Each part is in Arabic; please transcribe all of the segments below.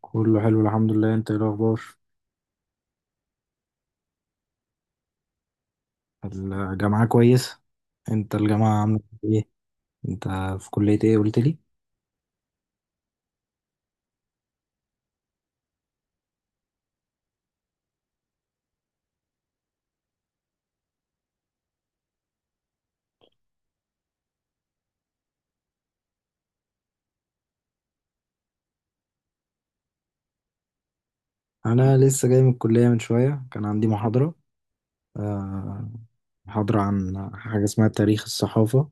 كله حلو الحمد لله، انت ايه الاخبار؟ الجامعة كويس. انت الجامعة عاملة ايه؟ انت في كلية ايه قلت لي؟ انا لسه جاي من الكلية من شوية، كان عندي محاضرة. آه، محاضرة عن حاجة اسمها تاريخ الصحافة.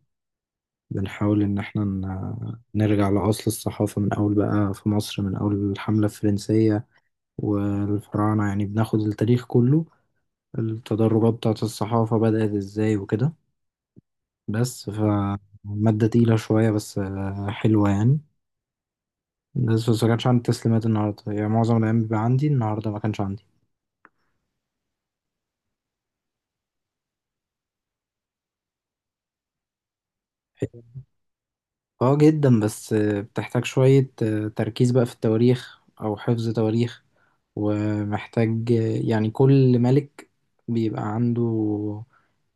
بنحاول ان احنا نرجع لأصل الصحافة، من اول بقى في مصر، من اول الحملة الفرنسية والفراعنة. يعني بناخد التاريخ كله، التدرجات بتاعت الصحافة بدأت ازاي وكده. بس فمادة تقيلة شوية، بس حلوة يعني. بس ما كانش عندي تسليمات النهاردة، يعني معظم الأيام بيبقى عندي، النهاردة ما كانش عندي. اه جدا، بس بتحتاج شوية تركيز بقى في التواريخ أو حفظ تواريخ. ومحتاج يعني كل ملك بيبقى عنده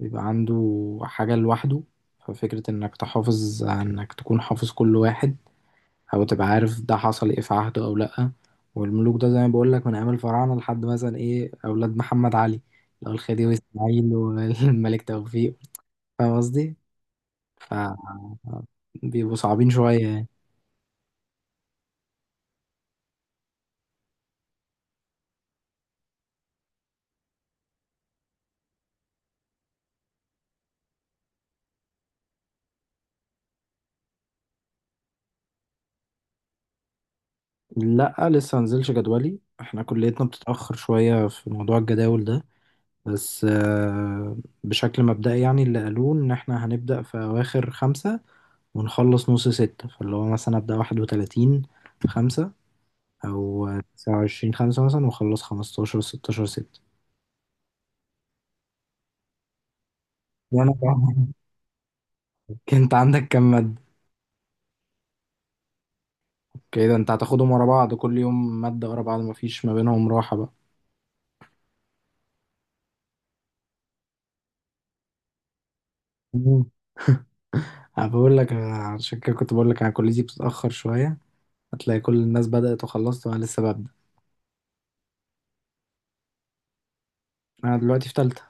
بيبقى عنده حاجة لوحده. ففكرة إنك تحافظ، إنك تكون حافظ كل واحد، او تبقى عارف ده حصل ايه في عهده او لأ. والملوك ده زي ما بقول لك من ايام الفراعنة لحد مثلا ايه اولاد محمد علي، اللي هو الخديوي اسماعيل والملك توفيق. فاهم قصدي؟ ف بيبقوا صعبين شوية يعني. لأ لسه منزلش جدولي، احنا كليتنا بتتأخر شوية في موضوع الجداول ده. بس بشكل مبدئي يعني اللي قالوه إن احنا هنبدأ في أواخر خمسة ونخلص نص ستة. فاللي هو مثلا أبدأ 31 في خمسة، او 29 خمسة مثلا، واخلص 15 16 ستة. وانا طبعاً- انت عندك كام مادة؟ كده انت هتاخدهم ورا بعض، كل يوم مادة ورا بعض، مفيش ما بينهم راحة بقى. مم. انا بقول لك، أنا عشان كده كنت بقول لك انا كليتي بتتأخر شوية، هتلاقي كل الناس بدأت وخلصت وانا لسه ببدأ. انا دلوقتي في تالتة.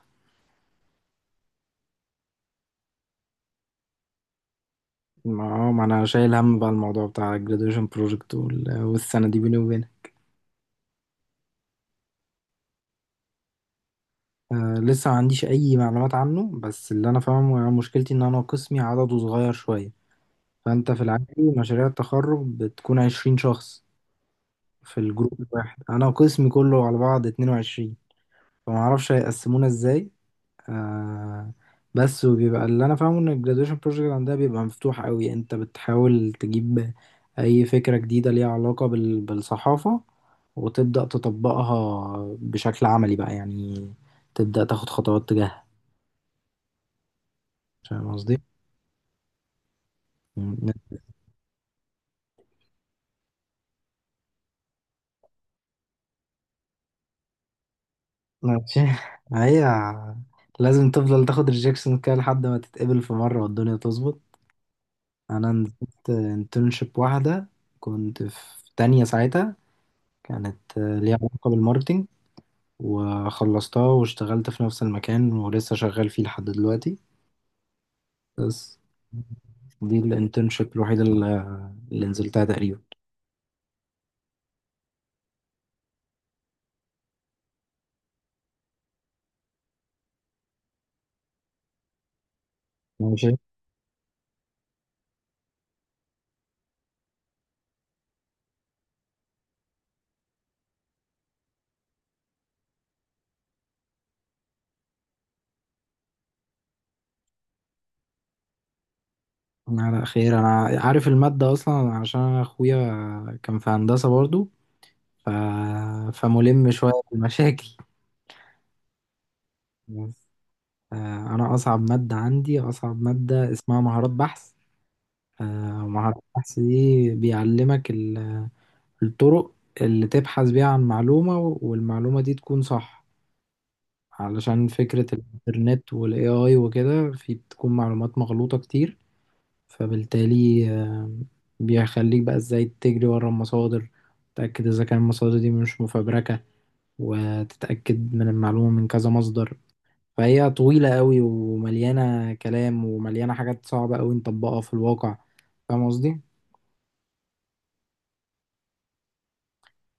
ما انا شايل هم بقى الموضوع بتاع ال graduation project والسنة دي بيني وبينك. آه، لسه ما عنديش اي معلومات عنه، بس اللي انا فاهمه يعني مشكلتي ان انا قسمي عدده صغير شوية. فأنت في العادي مشاريع التخرج بتكون 20 شخص في الجروب الواحد، أنا وقسمي كله على بعض 22. فمعرفش هيقسمونا ازاي. آه بس، وبيبقى اللي أنا فاهمه إن الجرادويشن بروجكت عندها بيبقى مفتوح قوي، أنت بتحاول تجيب أي فكرة جديدة ليها علاقة بالصحافة، وتبدأ تطبقها بشكل عملي بقى يعني، تبدأ تاخد خطوات تجاهها. فاهم قصدي؟ يعني ماشي. هي لازم تفضل تاخد ريجكشن كده لحد ما تتقبل في مرة والدنيا تظبط. أنا نزلت انترنشيب واحدة، كنت في تانية ساعتها، كانت ليها علاقة بالماركتينج، وخلصتها واشتغلت في نفس المكان ولسه شغال فيه لحد دلوقتي. بس دي الانترنشيب الوحيدة اللي نزلتها تقريبا. ماشي. أنا على خير، أنا عارف المادة أصلا عشان أنا أخويا كان في هندسة برضو. ف... فملم شوية بالمشاكل. بس. أنا أصعب مادة اسمها مهارات بحث. مهارات بحث دي بيعلمك الطرق اللي تبحث بيها عن معلومة، والمعلومة دي تكون صح. علشان فكرة الإنترنت والاي اي وكده، في بتكون معلومات مغلوطة كتير. فبالتالي بيخليك بقى ازاي تجري ورا المصادر، تتأكد إذا كان المصادر دي مش مفبركة، وتتأكد من المعلومة من كذا مصدر. فهي طويلة قوي ومليانة كلام ومليانة حاجات صعبة قوي نطبقها في الواقع. فاهم قصدي؟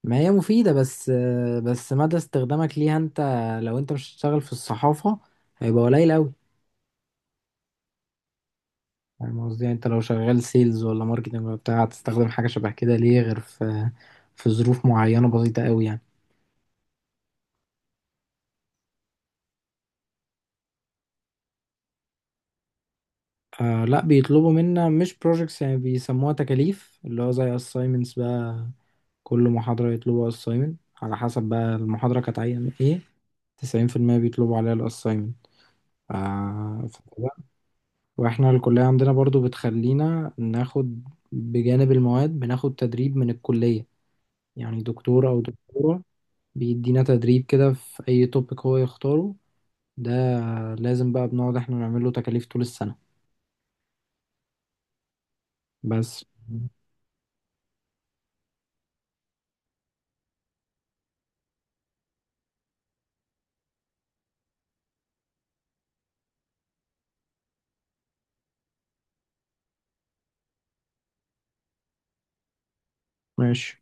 ما هي مفيدة، بس بس مدى استخدامك ليها انت، لو انت مش هتشتغل في الصحافة، هيبقى قليل قوي. فاهم قصدي؟ يعني انت لو شغال سيلز ولا ماركتنج ولا بتاع، هتستخدم حاجة شبه كده ليه غير في ظروف معينة بسيطة قوي يعني. آه لا، بيطلبوا منا مش projects، يعني بيسموها تكاليف، اللي هو زي assignments بقى. كل محاضرة يطلبوا assignment، على حسب بقى المحاضرة كانت عايزة ايه. 90% بيطلبوا عليها الأسايمنت. آه وإحنا الكلية عندنا برضو بتخلينا ناخد بجانب المواد، بناخد تدريب من الكلية، يعني دكتور أو دكتورة بيدينا تدريب كده في أي توبيك هو يختاره. ده لازم بقى بنقعد إحنا نعمل له تكاليف طول السنة. بس. ماشي.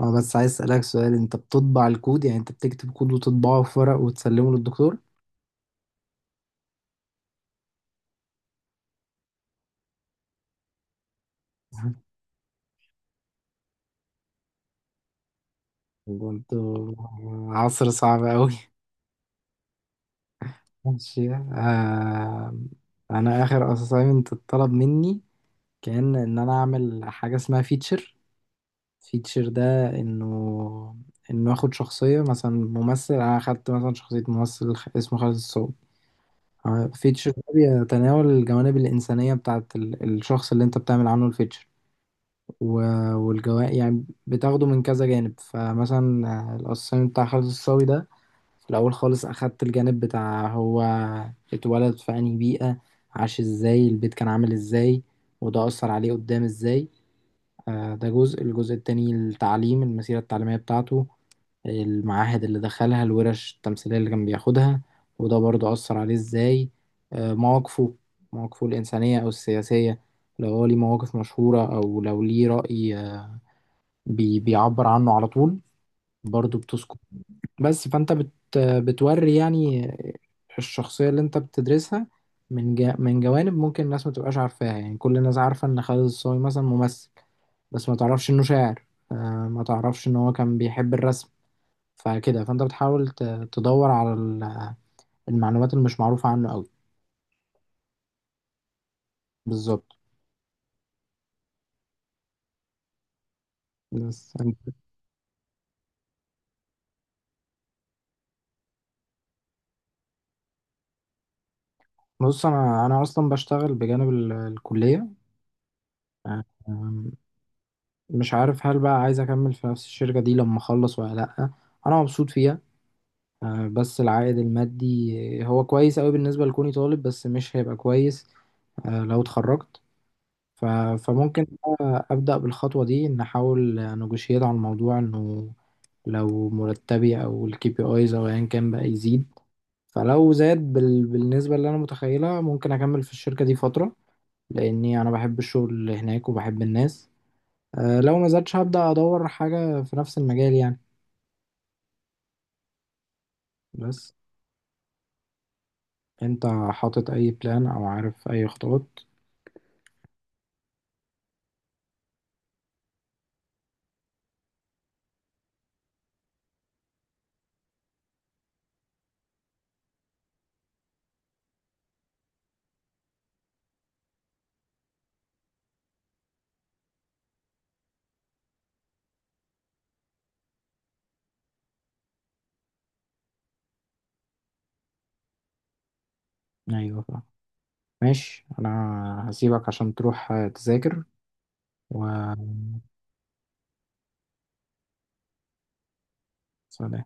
اه، بس عايز اسالك سؤال، انت بتطبع الكود؟ يعني انت بتكتب كود وتطبعه في ورق وتسلمه للدكتور؟ برضه عصر صعب أوي. ماشي. أنا آخر assignment اتطلب مني كان إن أنا أعمل حاجة اسمها فيتشر. فيتشر ده إنه آخد شخصية، مثلا ممثل. أنا أخدت مثلا شخصية ممثل اسمه خالد الصاوي. فيتشر ده بيتناول الجوانب الإنسانية بتاعت الشخص اللي أنت بتعمل عنه الفيتشر. والجوانب يعني بتاخده من كذا جانب. فمثلا الأسايمنت بتاع خالد الصاوي ده، في الأول خالص أخدت الجانب بتاع هو اتولد في أنهي بيئة، عاش ازاي، البيت كان عامل ازاي، وده أثر عليه قدام ازاي. ده جزء. الجزء التاني التعليم، المسيرة التعليمية بتاعته، المعاهد اللي دخلها، الورش التمثيلية اللي كان بياخدها، وده برضه أثر عليه ازاي. مواقفه، الإنسانية أو السياسية، لو هو ليه مواقف مشهورة أو لو ليه رأي بيعبر عنه على طول، برضه بتذكر. بس فانت بتوري يعني الشخصية اللي انت بتدرسها من جوانب ممكن الناس ما تبقاش عارفاها. يعني كل الناس عارفة ان خالد الصاوي مثلا ممثل، بس ما تعرفش انه شاعر. آه، ما تعرفش ان هو كان بيحب الرسم. فكده فانت بتحاول تدور على المعلومات اللي مش معروفة عنه قوي. بالظبط. بس، بص، انا اصلا بشتغل بجانب الكلية. آه، آم، مش عارف هل بقى عايز اكمل في نفس الشركة دي لما اخلص ولا لا. انا مبسوط فيها. بس العائد المادي هو كويس قوي بالنسبة لكوني طالب، بس مش هيبقى كويس لو اتخرجت. ف- فممكن بقى أبدأ بالخطوة دي، إن أحاول نجوشيت على الموضوع إنه لو مرتبي أو الكي بي أيز أو أيا كان بقى يزيد. فلو زاد بالنسبة اللي أنا متخيلها، ممكن أكمل في الشركة دي فترة، لأني أنا بحب الشغل هناك وبحب الناس. لو ما زادش هبدأ أدور حاجة في نفس المجال يعني. بس. أنت حاطط أي بلان أو عارف أي خطوات؟ ايوه ماشي، انا هسيبك عشان تروح تذاكر. و سلام.